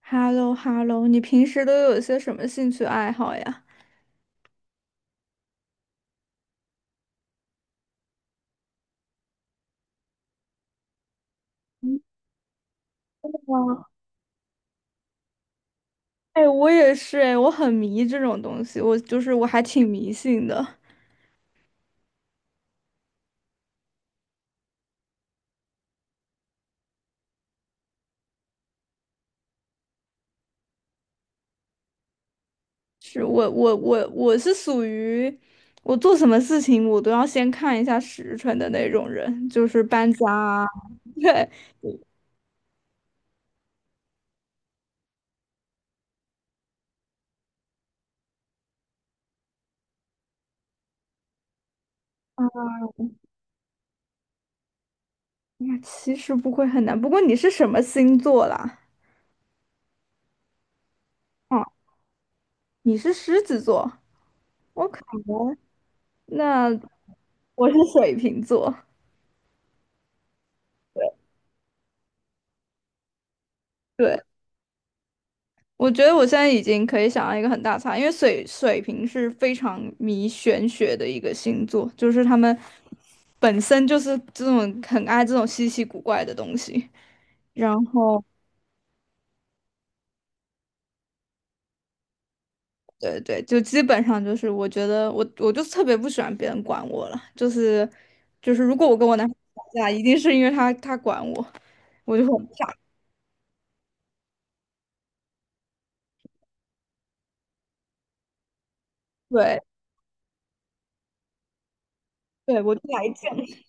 h e l l o h e l l o 你平时都有些什么兴趣爱好呀？哇。哎，我也是，哎，我很迷这种东西，我就是我还挺迷信的。是我是属于我做什么事情我都要先看一下时辰的那种人，就是搬家啊。对。啊，那其实不会很难。不过你是什么星座啦？哦，你是狮子座。我 k。 那我是水瓶座。对。我觉得我现在已经可以想到一个很大差，因为水瓶是非常迷玄学的一个星座，就是他们本身就是这种很爱这种稀奇古怪的东西，然后对对，就基本上就是我觉得我就特别不喜欢别人管我了，就是如果我跟我男朋友吵架，一定是因为他管我，我就很不想。对。对，我就来劲。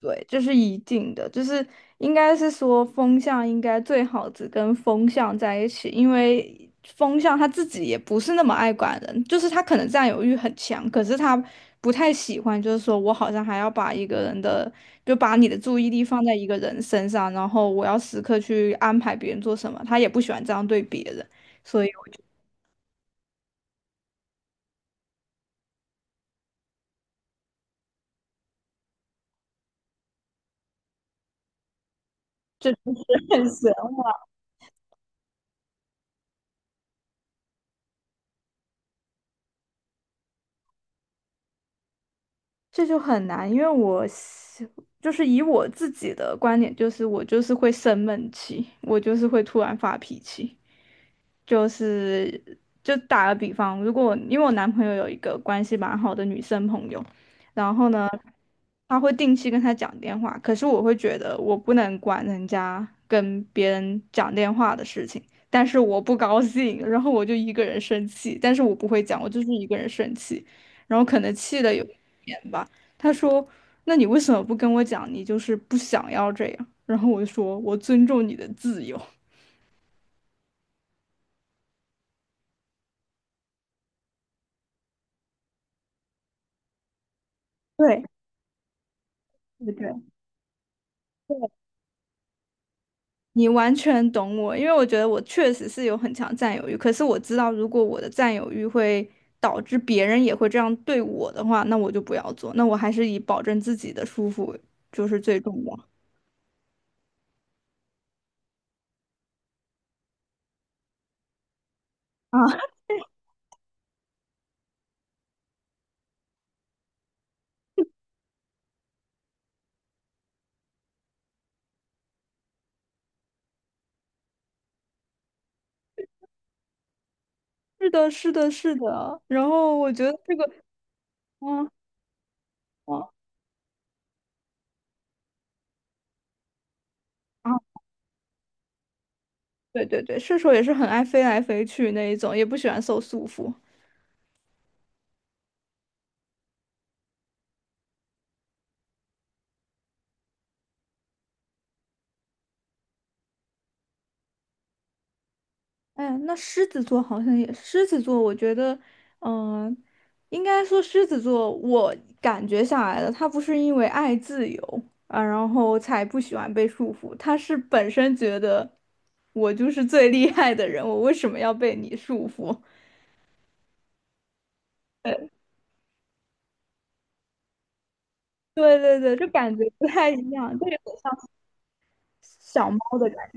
对，这是一定的，就是应该是说风向应该最好只跟风向在一起，因为风向他自己也不是那么爱管人，就是他可能占有欲很强，可是他不太喜欢，就是说我好像还要把一个人的，就把你的注意力放在一个人身上，然后我要时刻去安排别人做什么，他也不喜欢这样对别人，所以我就 认识。这就很难，因为我是就是以我自己的观点，就是我就是会生闷气，我就是会突然发脾气。就是就打个比方，如果因为我男朋友有一个关系蛮好的女生朋友，然后呢，他会定期跟他讲电话，可是我会觉得我不能管人家跟别人讲电话的事情，但是我不高兴，然后我就一个人生气，但是我不会讲，我就是一个人生气，然后可能气的有一点吧，他说：那你为什么不跟我讲？你就是不想要这样？然后我就说，我尊重你的自由。对对对。你完全懂我，因为我觉得我确实是有很强占有欲，可是我知道如果我的占有欲会导致别人也会这样对我的话，那我就不要做，那我还是以保证自己的舒服就是最重要。啊，是的，是的，是的。然后我觉得这个，嗯。嗯。啊，对对对，射手也是很爱飞来飞去那一种，也不喜欢受束缚。哎，那狮子座好像也，狮子座，我觉得，嗯、应该说狮子座，我感觉下来的，他不是因为爱自由啊，然后才不喜欢被束缚，他是本身觉得我就是最厉害的人，我为什么要被你束缚？对对对，就感觉不太一样，就有点像小猫的感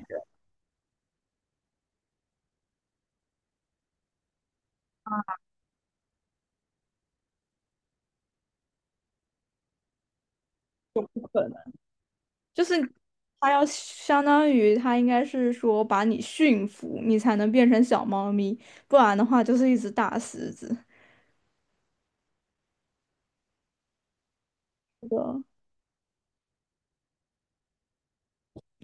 觉。不，就是它要相当于它应该是说把你驯服，你才能变成小猫咪，不然的话就是一只大狮子。是的。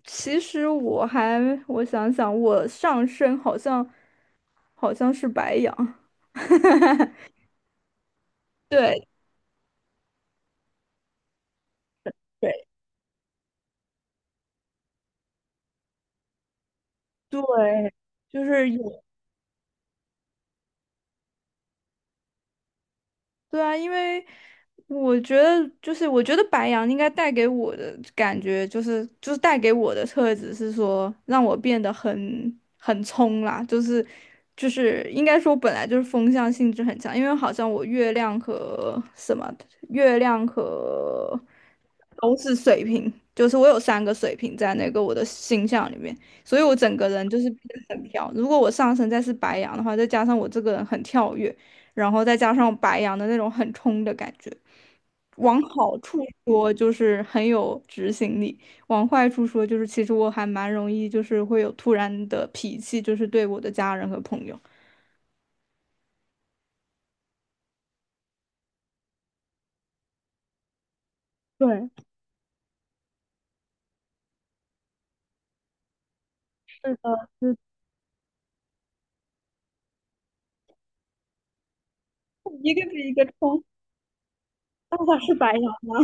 其实我还，我想想，我上身好像是白羊。对。对对，就是有。对啊，因为我觉得就是我觉得白羊应该带给我的感觉就是就是带给我的特质是说让我变得很冲啦，就是应该说本来就是风象性质很强，因为好像我月亮和都是水瓶，就是我有三个水瓶在那个我的星象里面，所以我整个人就是变得很飘。如果我上升再是白羊的话，再加上我这个人很跳跃，然后再加上白羊的那种很冲的感觉，往好处说就是很有执行力，往坏处说就是其实我还蛮容易就是会有突然的脾气，就是对我的家人和朋友。对，是的，是一个比一个冲。爸爸是白羊吗？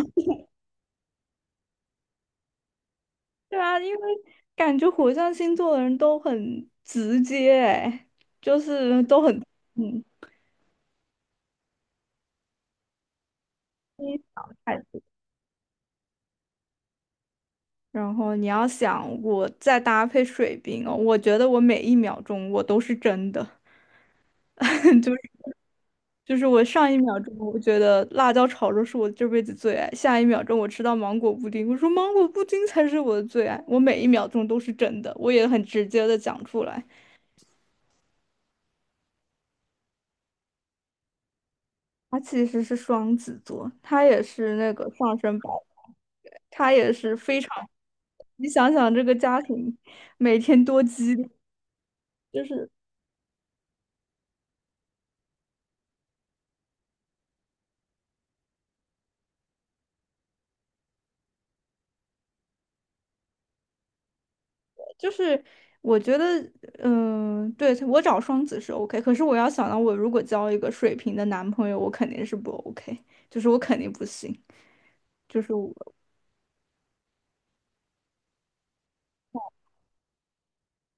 对啊，因为感觉火象星座的人都很直接，哎，就是都很嗯，低调太多。然后你要想，我再搭配水瓶哦，我觉得我每一秒钟我都是真的，就是就是我上一秒钟我觉得辣椒炒肉是我这辈子最爱，下一秒钟我吃到芒果布丁，我说芒果布丁才是我的最爱，我每一秒钟都是真的，我也很直接的讲出来。他其实是双子座，他也是那个上升白。他也是非常，你想想这个家庭每天多激烈。就是就是，我觉得，嗯、对，我找双子是 OK，可是我要想到我如果交一个水瓶的男朋友，我肯定是不 OK，就是我肯定不行，就是我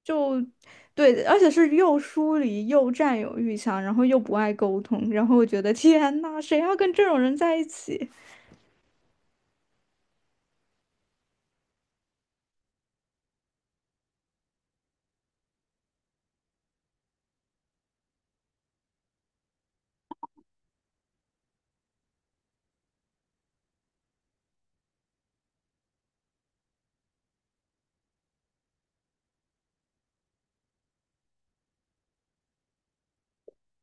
就对，而且是又疏离又占有欲强，然后又不爱沟通，然后我觉得天呐，谁要跟这种人在一起？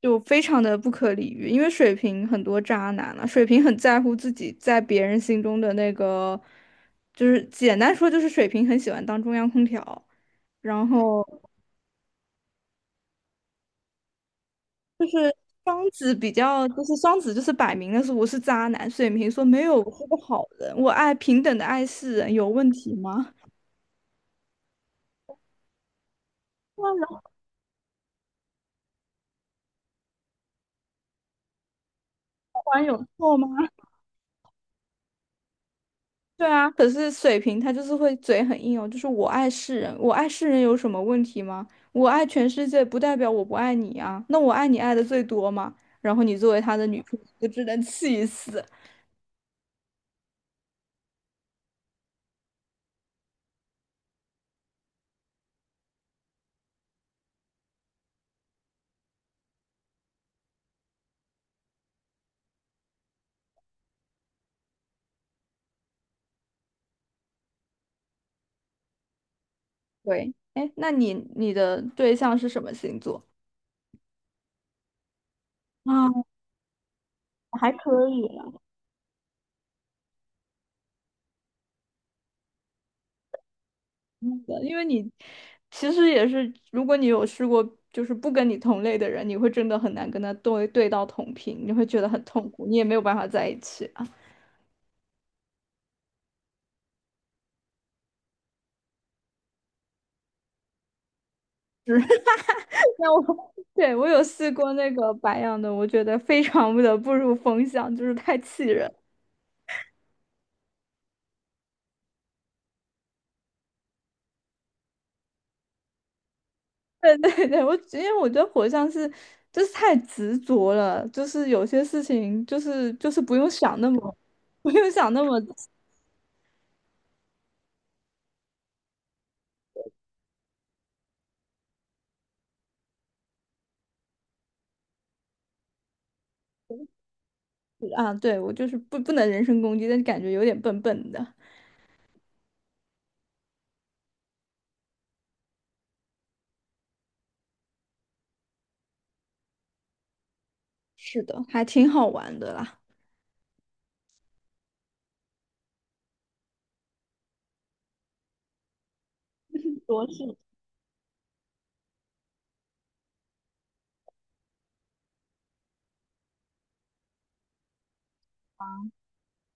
就非常的不可理喻，因为水瓶很多渣男了、水瓶很在乎自己在别人心中的那个，就是简单说就是水瓶很喜欢当中央空调。然后双子比较就是双子就是摆明了是我是渣男，水瓶说没有，我是个好人，我爱平等的爱世人，有问题吗？有错不然有错吗？对啊，可是水瓶他就是会嘴很硬哦，就是我爱世人，我爱世人有什么问题吗？我爱全世界不代表我不爱你啊，那我爱你爱的最多嘛。然后你作为他的女朋友，就只能气死。对，哎，那你你的对象是什么星座？啊，还可以了。嗯因为你其实也是，如果你有试过就是不跟你同类的人，你会真的很难跟他对到同频，你会觉得很痛苦，你也没有办法在一起。啊。那我 对，我有试过那个白羊的，我觉得非常的不入风向，就是太气人。对对对，因为我觉得火象是就是太执着了，就是有些事情就是不用想那么。啊，对，我就是不能人身攻击，但是感觉有点笨笨的。是的，还挺好玩的啦。多是。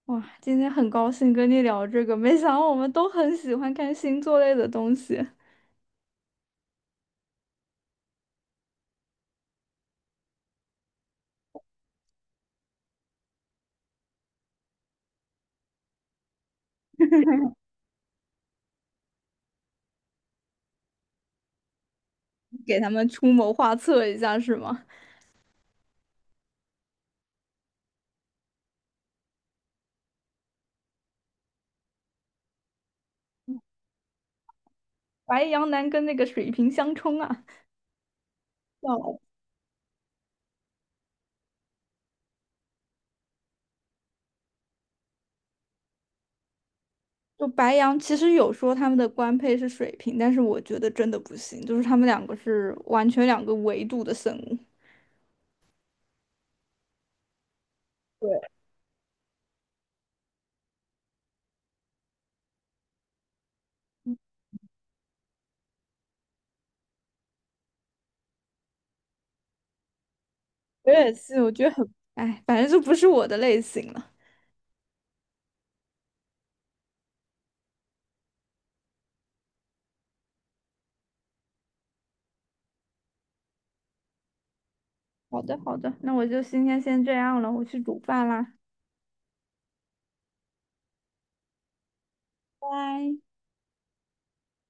哇，今天很高兴跟你聊这个，没想到我们都很喜欢看星座类的东西，给他们出谋划策一下是吗？白羊男跟那个水瓶相冲啊！笑了。就白羊其实有说他们的官配是水瓶，但是我觉得真的不行，就是他们两个是完全两个维度的生物。对，我也是，我觉得很，哎，反正就不是我的类型了。好的，好的，那我就今天先这样了，我去煮饭啦，拜拜。